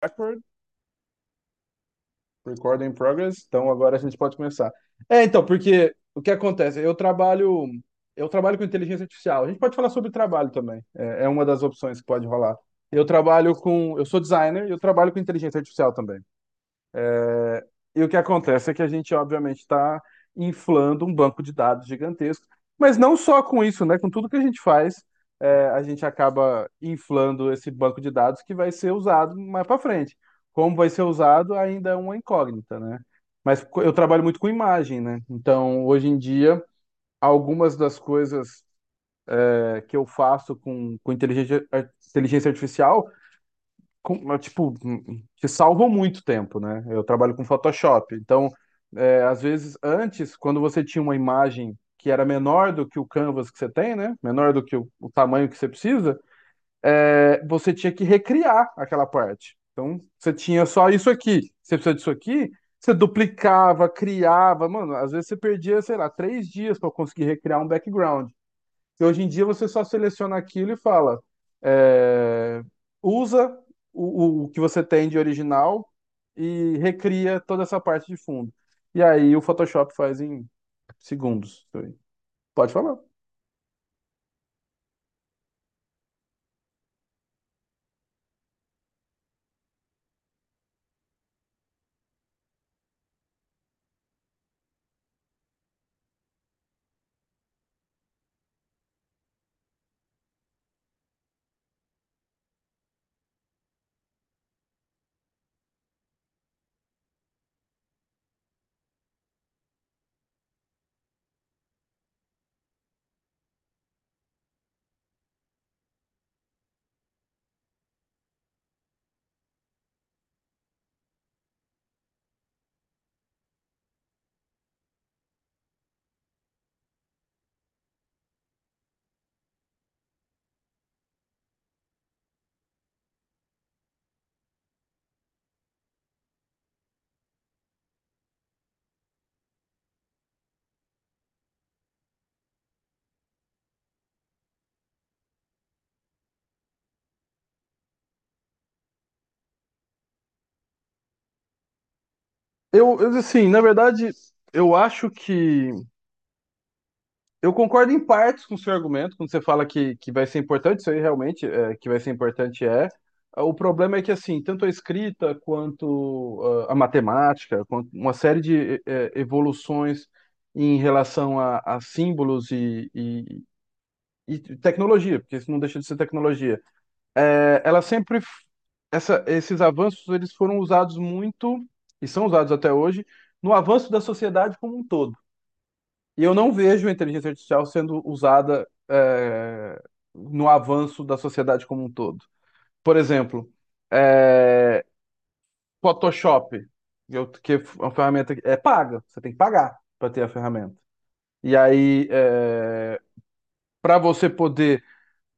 Backward, record in progress. Então agora a gente pode começar. É, então, porque o que acontece? Eu trabalho com inteligência artificial. A gente pode falar sobre trabalho também. É uma das opções que pode rolar. Eu sou designer e eu trabalho com inteligência artificial também. É, e o que acontece é que a gente, obviamente, está inflando um banco de dados gigantesco, mas não só com isso, né? Com tudo que a gente faz, a gente acaba inflando esse banco de dados que vai ser usado mais para frente. Como vai ser usado ainda é uma incógnita, né? Eu trabalho muito com imagem, né? Então, hoje em dia, algumas das coisas que eu faço com inteligência artificial, tipo, te salvam muito tempo, né? Eu trabalho com Photoshop, então, às vezes, antes, quando você tinha uma imagem que era menor do que o canvas que você tem, né? Menor do que o tamanho que você precisa, você tinha que recriar aquela parte. Então, você tinha só isso aqui, você precisa disso aqui, você duplicava, criava, mano, às vezes você perdia, sei lá, 3 dias para conseguir recriar um background. Que hoje em dia você só seleciona aquilo e fala, é, usa o que você tem de original e recria toda essa parte de fundo. E aí o Photoshop faz em segundos. Pode falar. Assim, na verdade, eu acho que eu concordo em partes com o seu argumento, quando você fala que vai ser importante, isso aí realmente que vai ser importante. O problema é que, assim, tanto a escrita quanto a matemática, quanto uma série de evoluções em relação a símbolos e tecnologia, porque isso não deixa de ser tecnologia, eh, ela sempre, f- essa, esses avanços, eles foram usados muito, e são usados até hoje, no avanço da sociedade como um todo. E eu não vejo a inteligência artificial sendo usada no avanço da sociedade como um todo. Por exemplo, é, Photoshop, que é uma ferramenta que é paga, você tem que pagar para ter a ferramenta. E aí, para você poder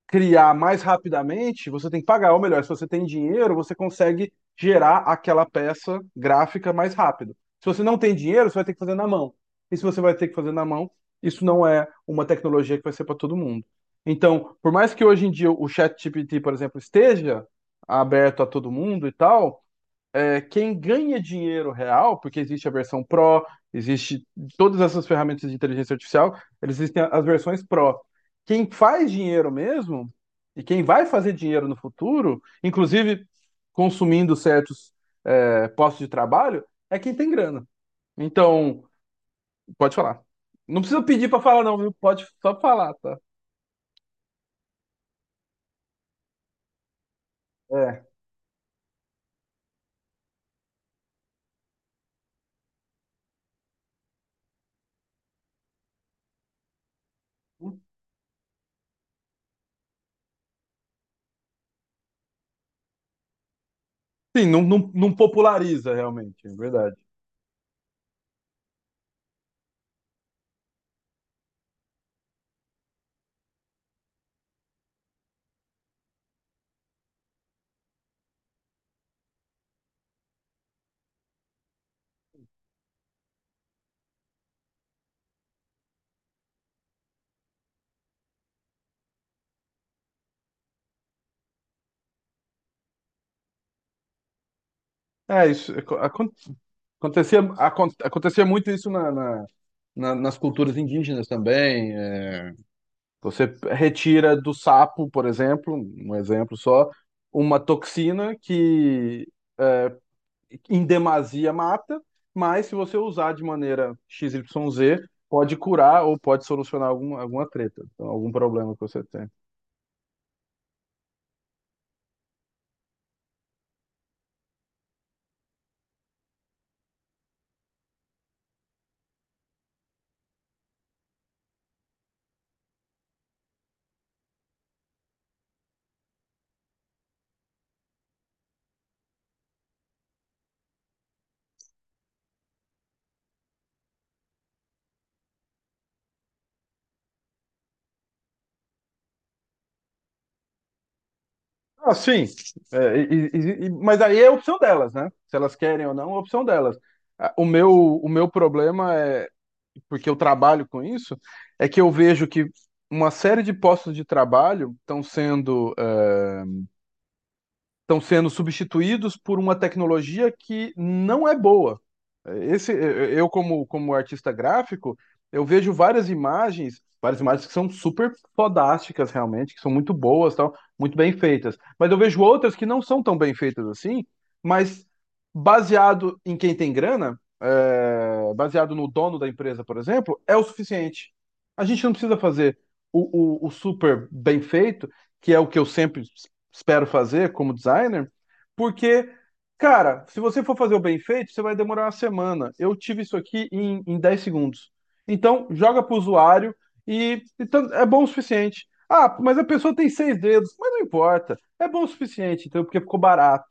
criar mais rapidamente, você tem que pagar. Ou melhor, se você tem dinheiro, você consegue gerar aquela peça gráfica mais rápido. Se você não tem dinheiro, você vai ter que fazer na mão. E se você vai ter que fazer na mão, isso não é uma tecnologia que vai ser para todo mundo. Então, por mais que hoje em dia o ChatGPT, por exemplo, esteja aberto a todo mundo e tal, quem ganha dinheiro real, porque existe a versão Pro, existe todas essas ferramentas de inteligência artificial, eles existem as versões Pro. Quem faz dinheiro mesmo, e quem vai fazer dinheiro no futuro, inclusive consumindo certos postos de trabalho, é quem tem grana. Então, pode falar. Não precisa pedir para falar, não, viu? Pode só falar, tá? É. Sim, não, não, não populariza realmente, é verdade. Isso acontecia muito isso nas culturas indígenas também. É. Você retira do sapo, por exemplo, um exemplo só, uma toxina que em demasia mata, mas se você usar de maneira x y z pode curar ou pode solucionar alguma treta, então, algum problema que você tem. Ah, sim. Mas aí é opção delas, né? Se elas querem ou não, é opção delas. O meu problema é, porque eu trabalho com isso, é que eu vejo que uma série de postos de trabalho estão sendo substituídos por uma tecnologia que não é boa. Eu como artista gráfico, eu vejo várias imagens que são super fodásticas realmente, que são muito boas, tal, muito bem feitas. Mas eu vejo outras que não são tão bem feitas assim, mas baseado em quem tem grana, baseado no dono da empresa, por exemplo, é o suficiente. A gente não precisa fazer o super bem feito, que é o que eu sempre espero fazer como designer, porque, cara, se você for fazer o bem feito, você vai demorar uma semana. Eu tive isso aqui em 10 segundos. Então, joga para o usuário e é bom o suficiente. Ah, mas a pessoa tem seis dedos, mas não importa. É bom o suficiente, então, porque ficou barato.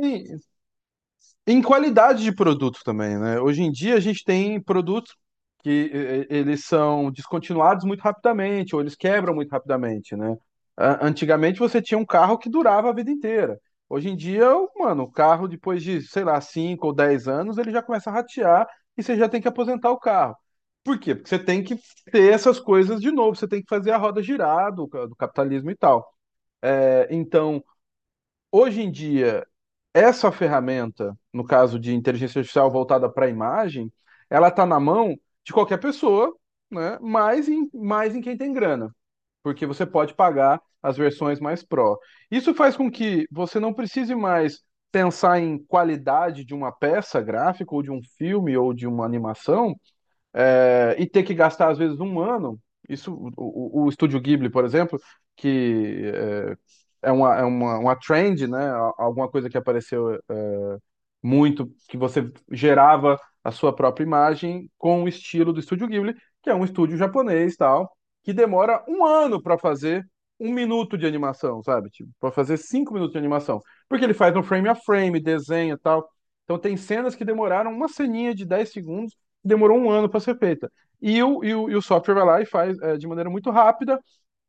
E Em qualidade de produto também, né? Hoje em dia a gente tem produtos que eles são descontinuados muito rapidamente, ou eles quebram muito rapidamente, né? Antigamente você tinha um carro que durava a vida inteira. Hoje em dia, mano, o carro depois de, sei lá, 5 ou 10 anos, ele já começa a ratear e você já tem que aposentar o carro. Por quê? Porque você tem que ter essas coisas de novo, você tem que fazer a roda girar do capitalismo e tal. Então, hoje em dia, essa ferramenta, no caso de inteligência artificial voltada para a imagem, ela está na mão de qualquer pessoa, né? Mais em quem tem grana, porque você pode pagar as versões mais pró. Isso faz com que você não precise mais pensar em qualidade de uma peça gráfica ou de um filme ou de uma animação e ter que gastar às vezes um ano. Isso, o, o Estúdio Ghibli, por exemplo, que é uma trend, né? Alguma coisa que apareceu muito, que você gerava a sua própria imagem com o estilo do Estúdio Ghibli, que é um estúdio japonês tal, que demora um ano para fazer um minuto de animação, sabe? Tipo, para fazer 5 minutos de animação. Porque ele faz um frame a frame, desenha e tal. Então tem cenas que demoraram uma ceninha de 10 segundos, que demorou um ano para ser feita. E o software vai lá e faz de maneira muito rápida,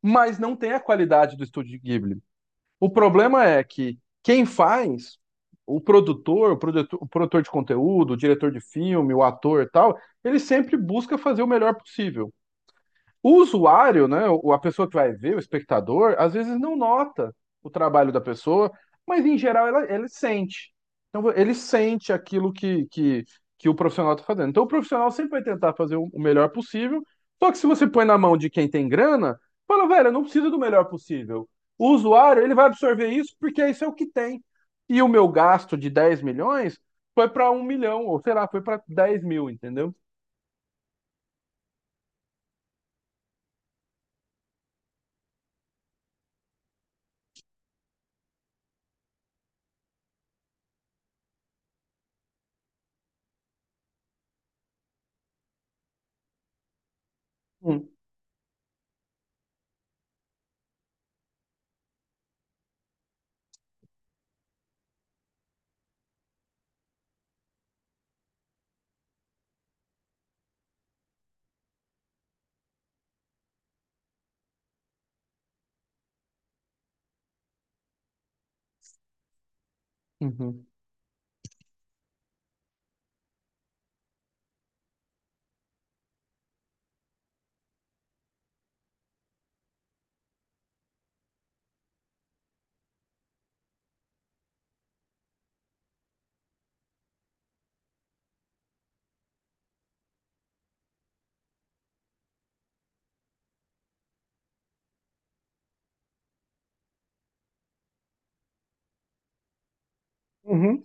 mas não tem a qualidade do estúdio Ghibli. O problema é que quem faz, o produtor de conteúdo, o diretor de filme, o ator e tal, ele sempre busca fazer o melhor possível. O usuário, né, a pessoa que vai ver, o espectador, às vezes não nota o trabalho da pessoa, mas em geral ele sente. Então ele sente aquilo que o profissional está fazendo. Então o profissional sempre vai tentar fazer o melhor possível, só que se você põe na mão de quem tem grana, fala, velho, eu não preciso do melhor possível. O usuário, ele vai absorver isso porque isso é o que tem. E o meu gasto de 10 milhões foi para 1 milhão, ou sei lá, foi para 10 mil, entendeu? Hum. Uhum. Uhum.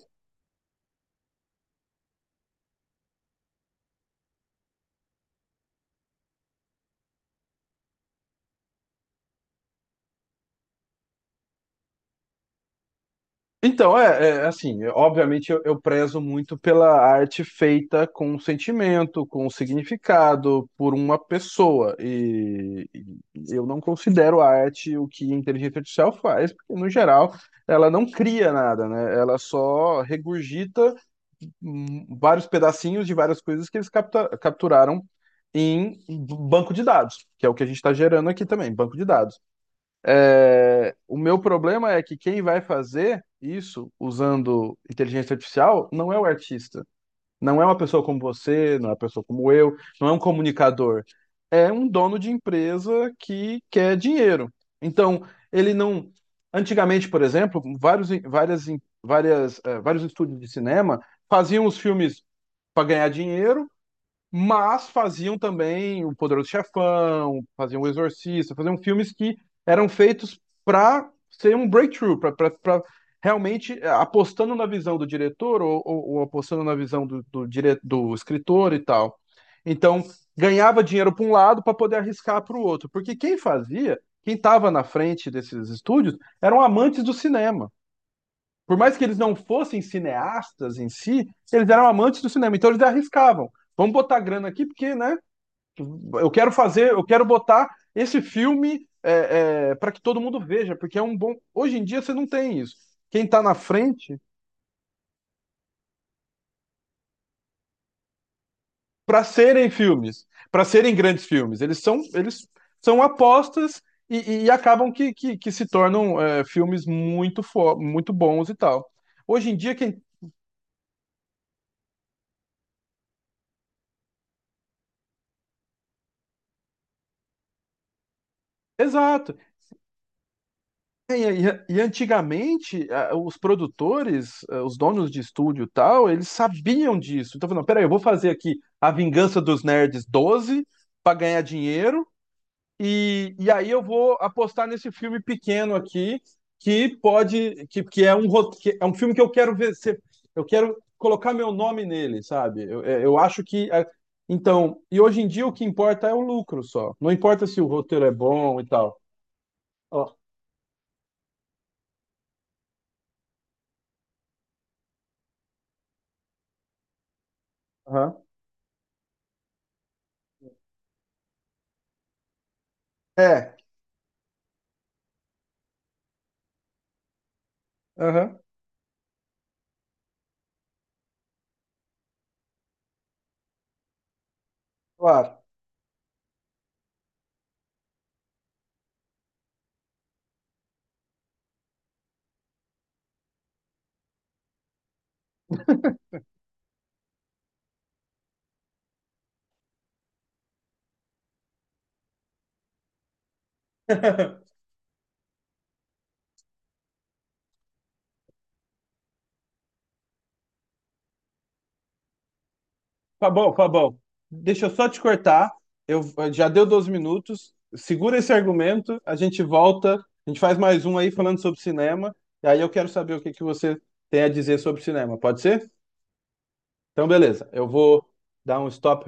Então, assim, obviamente eu prezo muito pela arte feita com sentimento, com significado, por uma pessoa. E eu não considero a arte o que a inteligência artificial faz, porque no geral ela não cria nada, né? Ela só regurgita vários pedacinhos de várias coisas que eles capturaram em banco de dados, que é o que a gente está gerando aqui também, banco de dados. O meu problema é que quem vai fazer isso usando inteligência artificial não é o artista, não é uma pessoa como você, não é uma pessoa como eu, não é um comunicador, é um dono de empresa que quer dinheiro. Então, ele não. Antigamente, por exemplo, vários, várias, várias, eh, vários estúdios de cinema faziam os filmes para ganhar dinheiro, mas faziam também o Poderoso Chefão, faziam o Exorcista, faziam filmes que eram feitos para ser um breakthrough, para realmente apostando na visão do diretor ou apostando na visão do escritor e tal. Então, ganhava dinheiro para um lado para poder arriscar para o outro, porque quem fazia, quem estava na frente desses estúdios, eram amantes do cinema. Por mais que eles não fossem cineastas em si, eles eram amantes do cinema, então eles arriscavam. Vamos botar grana aqui, porque, né? Eu quero fazer, eu quero botar esse filme para que todo mundo veja, porque é um bom. Hoje em dia você não tem isso. Quem está na frente para serem filmes, para serem grandes filmes, eles são apostas e acabam que, se tornam filmes muito bons e tal. Hoje em dia, quem. Exato. E antigamente, os produtores, os donos de estúdio e tal, eles sabiam disso. Então, falando, peraí, eu vou fazer aqui A Vingança dos Nerds 12 para ganhar dinheiro, e aí eu vou apostar nesse filme pequeno aqui, que pode, que é um, ro- que é um filme que eu quero ver, eu quero colocar meu nome nele, sabe? Eu acho que. Então, e hoje em dia o que importa é o lucro só. Não importa se o roteiro é bom e tal. Ó. Aham. É. Aham. Claro. Fabão, Fabão, deixa eu só te cortar. Eu já deu 12 minutos. Segura esse argumento, a gente volta, a gente faz mais um aí falando sobre cinema. E aí eu quero saber o que que você tem a dizer sobre cinema, pode ser? Então, beleza. Eu vou dar um stop